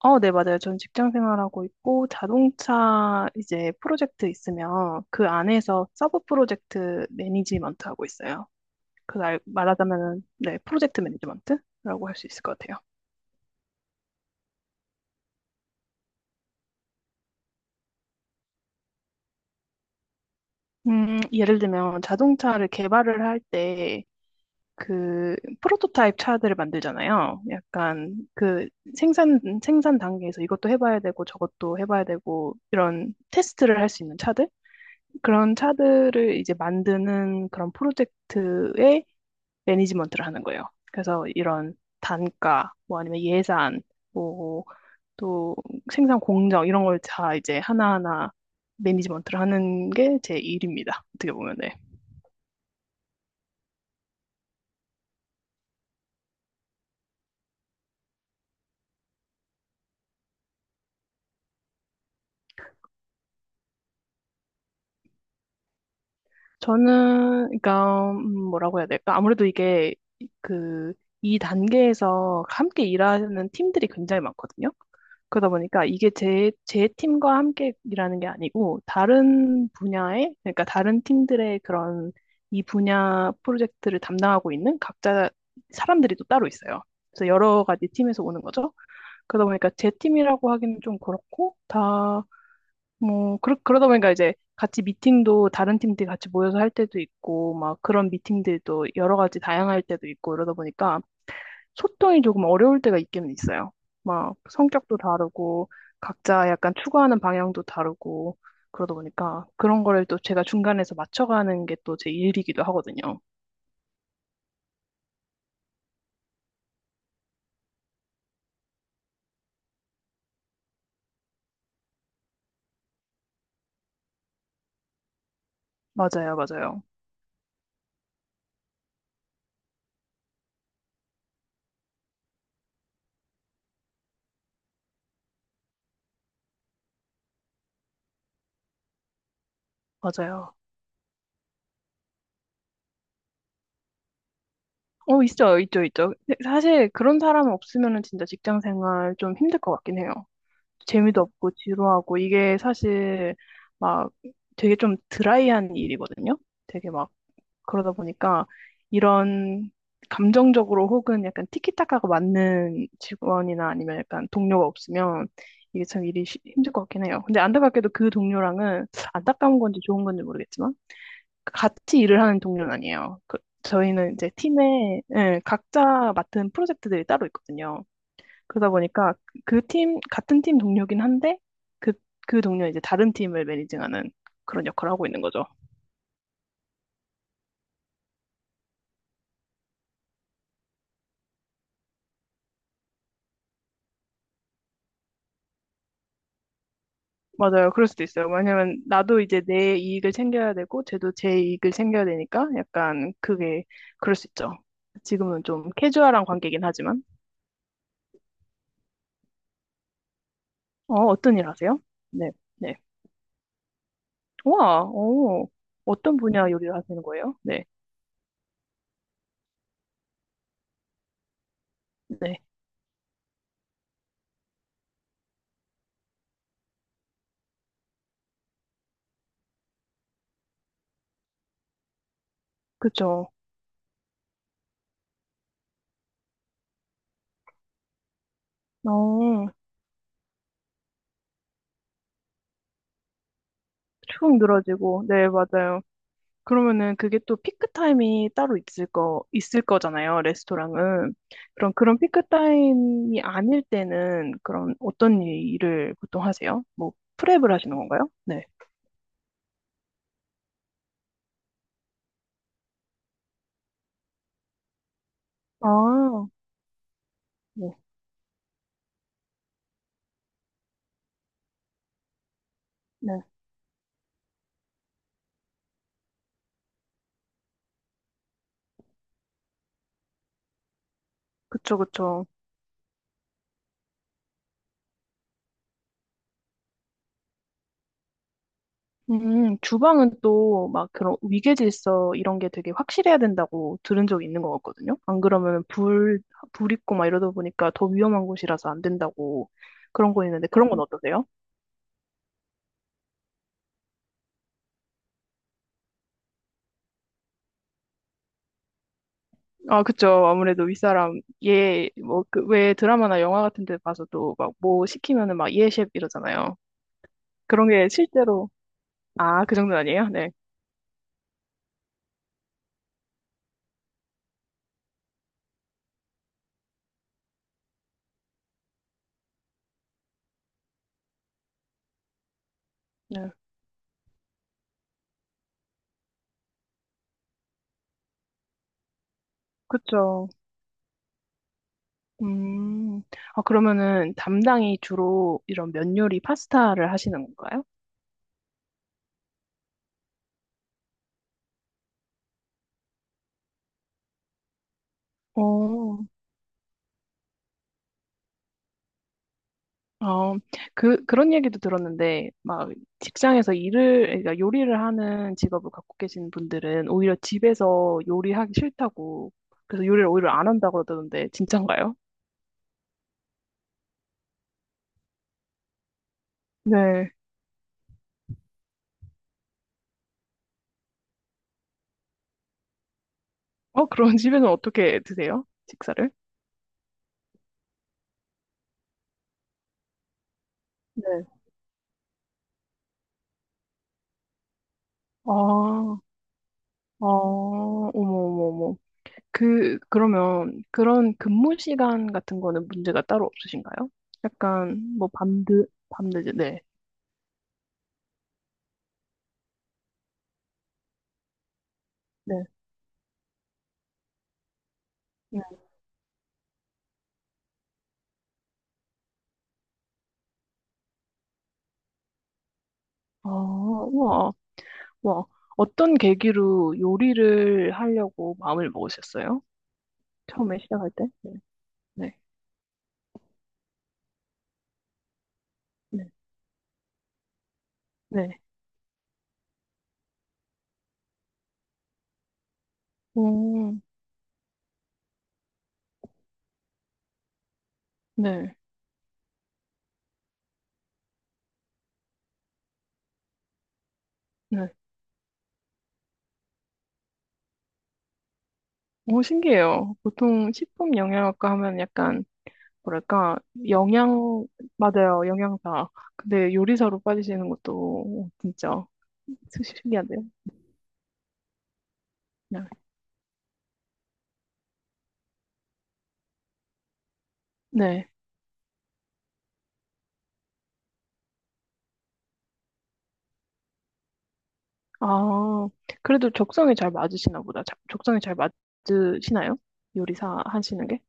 어, 네, 맞아요. 전 직장 생활하고 있고, 자동차 이제 프로젝트 있으면 그 안에서 서브 프로젝트 매니지먼트 하고 있어요. 그 말하자면은, 네, 프로젝트 매니지먼트라고 할 수 있을 것 같아요. 예를 들면 자동차를 개발을 할 때 그 프로토타입 차들을 만들잖아요. 약간 그 생산 단계에서 이것도 해봐야 되고 저것도 해봐야 되고 이런 테스트를 할 수 있는 차들? 그런 차들을 이제 만드는 그런 프로젝트의 매니지먼트를 하는 거예요. 그래서 이런 단가, 뭐 아니면 예산, 뭐 또 생산 공정 이런 걸 다 이제 하나하나 매니지먼트를 하는 게 제 일입니다. 어떻게 보면. 저는, 그러니까, 뭐라고 해야 될까? 아무래도 이게, 그, 이 단계에서 함께 일하는 팀들이 굉장히 많거든요. 그러다 보니까 이게 제 팀과 함께 일하는 게 아니고, 다른 분야의, 그러니까 다른 팀들의 그런, 이 분야 프로젝트를 담당하고 있는 각자 사람들이 또 따로 있어요. 그래서 여러 가지 팀에서 오는 거죠. 그러다 보니까 제 팀이라고 하기는 좀 그렇고, 다, 뭐, 그러다 보니까 이제 같이 미팅도 다른 팀들 같이 모여서 할 때도 있고, 막 그런 미팅들도 여러 가지 다양할 때도 있고, 이러다 보니까 소통이 조금 어려울 때가 있기는 있어요. 막 성격도 다르고, 각자 약간 추구하는 방향도 다르고, 그러다 보니까 그런 거를 또 제가 중간에서 맞춰가는 게 또 제 일이기도 하거든요. 맞아요, 맞아요, 맞아요. 어, 있죠, 있죠, 있죠. 근데 사실 그런 사람 없으면은 진짜 직장 생활 좀 힘들 것 같긴 해요. 재미도 없고 지루하고 이게 사실 막 되게 좀 드라이한 일이거든요. 되게 막 그러다 보니까 이런 감정적으로 혹은 약간 티키타카가 맞는 직원이나 아니면 약간 동료가 없으면 이게 참 일이 힘들 것 같긴 해요. 근데 안타깝게도 그 동료랑은 안타까운 건지 좋은 건지 모르겠지만 같이 일을 하는 동료는 아니에요. 저희는 이제 팀에 예, 각자 맡은 프로젝트들이 따로 있거든요. 그러다 보니까 그 팀, 같은 팀 동료긴 한데, 그, 그 동료 이제 다른 팀을 매니징하는 그런 역할을 하고 있는 거죠. 맞아요. 그럴 수도 있어요. 왜냐면 나도 이제 내 이익을 챙겨야 되고, 쟤도 제 이익을 챙겨야 되니까 약간 그게 그럴 수 있죠. 지금은 좀 캐주얼한 관계긴 하지만. 어, 어떤 일 하세요? 네, 네. 우와, 어, 어떤 분야 요리를 하시는 거예요? 네, 네. 그쵸. 어, 축 늘어지고, 네, 맞아요. 그러면은 그게 또 피크 타임이 따로 있을 거잖아요, 레스토랑은. 그럼 그런 피크 타임이 아닐 때는 그런 어떤 일을 보통 하세요? 뭐, 프랩을 하시는 건가요? 네. 아, 네, 네. 그쵸, 그쵸. 주방은 또 막 그런 위계질서 이런 게 되게 확실해야 된다고 들은 적이 있는 것 같거든요. 안 그러면 불 있고 막 이러다 보니까 더 위험한 곳이라서 안 된다고 그런 거 있는데 그런 건 어떠세요? 아, 그쵸. 아무래도 윗사람, 얘, 뭐, 그, 왜 드라마나 영화 같은 데 봐서도 막 뭐 시키면은 막 예, 셰프 이러잖아요. 그런 게 실제로, 아, 그 정도는 아니에요? 네. 네. 그쵸. 음, 아, 그러면은 담당이 주로 이런 면 요리 파스타를 하시는 건가요? 어, 어, 그런 얘기도 들었는데, 막, 직장에서 일을, 그러니까 요리를 하는 직업을 갖고 계신 분들은 오히려 집에서 요리하기 싫다고, 그래서 요리를 오히려 안 한다고 그러던데, 진짠가요? 네. 어, 그런 집에는 어떻게 드세요? 식사를? 네. 아, 어, 어머, 어머, 어머. 그러면 그런 근무 시간 같은 거는 문제가 따로 없으신가요? 약간, 뭐, 네. 네. 네. 아, 우와, 와. 어떤 계기로 요리를 하려고 마음을 먹으셨어요? 처음에 시작할 때? 네. 네. 네. 네. 오, 네. 네. 오, 신기해요. 보통 식품 영양학과 하면 약간 뭐랄까, 영양, 맞아요, 영양사. 근데 요리사로 빠지시는 것도 진짜 신기한데요. 네. 네. 아, 그래도 적성에 잘 맞으시나 보다. 적성에 잘 맞으시나요? 요리사 하시는 게?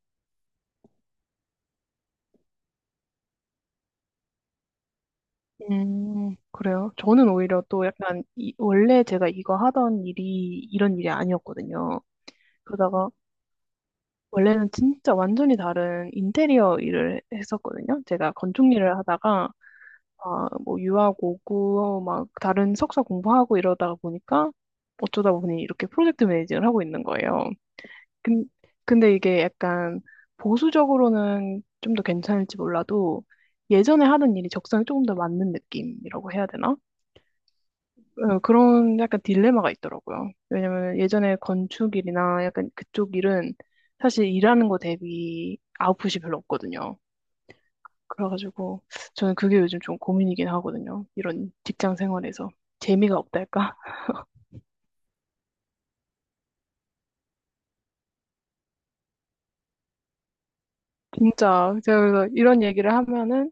그래요. 저는 오히려 또 약간, 이, 원래 제가 이거 하던 일이 이런 일이 아니었거든요. 그러다가, 원래는 진짜 완전히 다른 인테리어 일을 했었거든요. 제가 건축 일을 하다가, 아, 뭐 유학 오고 어, 막 다른 석사 공부하고 이러다 보니까 어쩌다 보니 이렇게 프로젝트 매니징을 하고 있는 거예요. 근, 근데 이게 약간 보수적으로는 좀 더 괜찮을지 몰라도 예전에 하던 일이 적성에 조금 더 맞는 느낌이라고 해야 되나? 어, 그런 약간 딜레마가 있더라고요. 왜냐면 예전에 건축 일이나 약간 그쪽 일은 사실 일하는 거 대비 아웃풋이 별로 없거든요. 그래가지고 저는 그게 요즘 좀 고민이긴 하거든요. 이런 직장 생활에서 재미가 없달까? 진짜 제가 그래서 이런 얘기를 하면은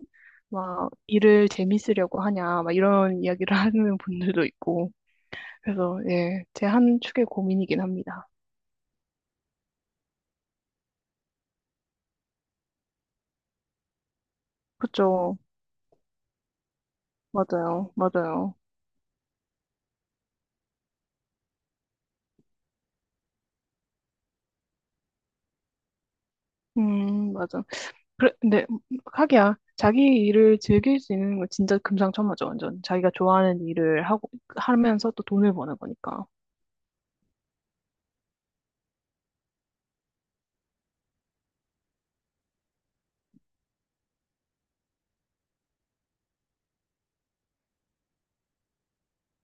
막 일을 재밌으려고 하냐 막 이런 이야기를 하는 분들도 있고 그래서 예, 제 한 축의 고민이긴 합니다. 그렇죠. 맞아요. 맞아요. 맞아. 그래, 근데 하기야 자기 일을 즐길 수 있는 건 진짜 금상첨화죠. 완전 자기가 좋아하는 일을 하고 하면서 또 돈을 버는 거니까.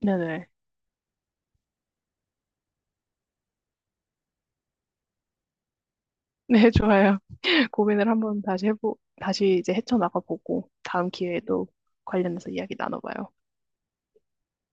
네네. 네, 좋아요. 고민을 한번 다시 해보, 다시 이제 헤쳐나가 보고 다음 기회에도 관련해서 이야기 나눠봐요.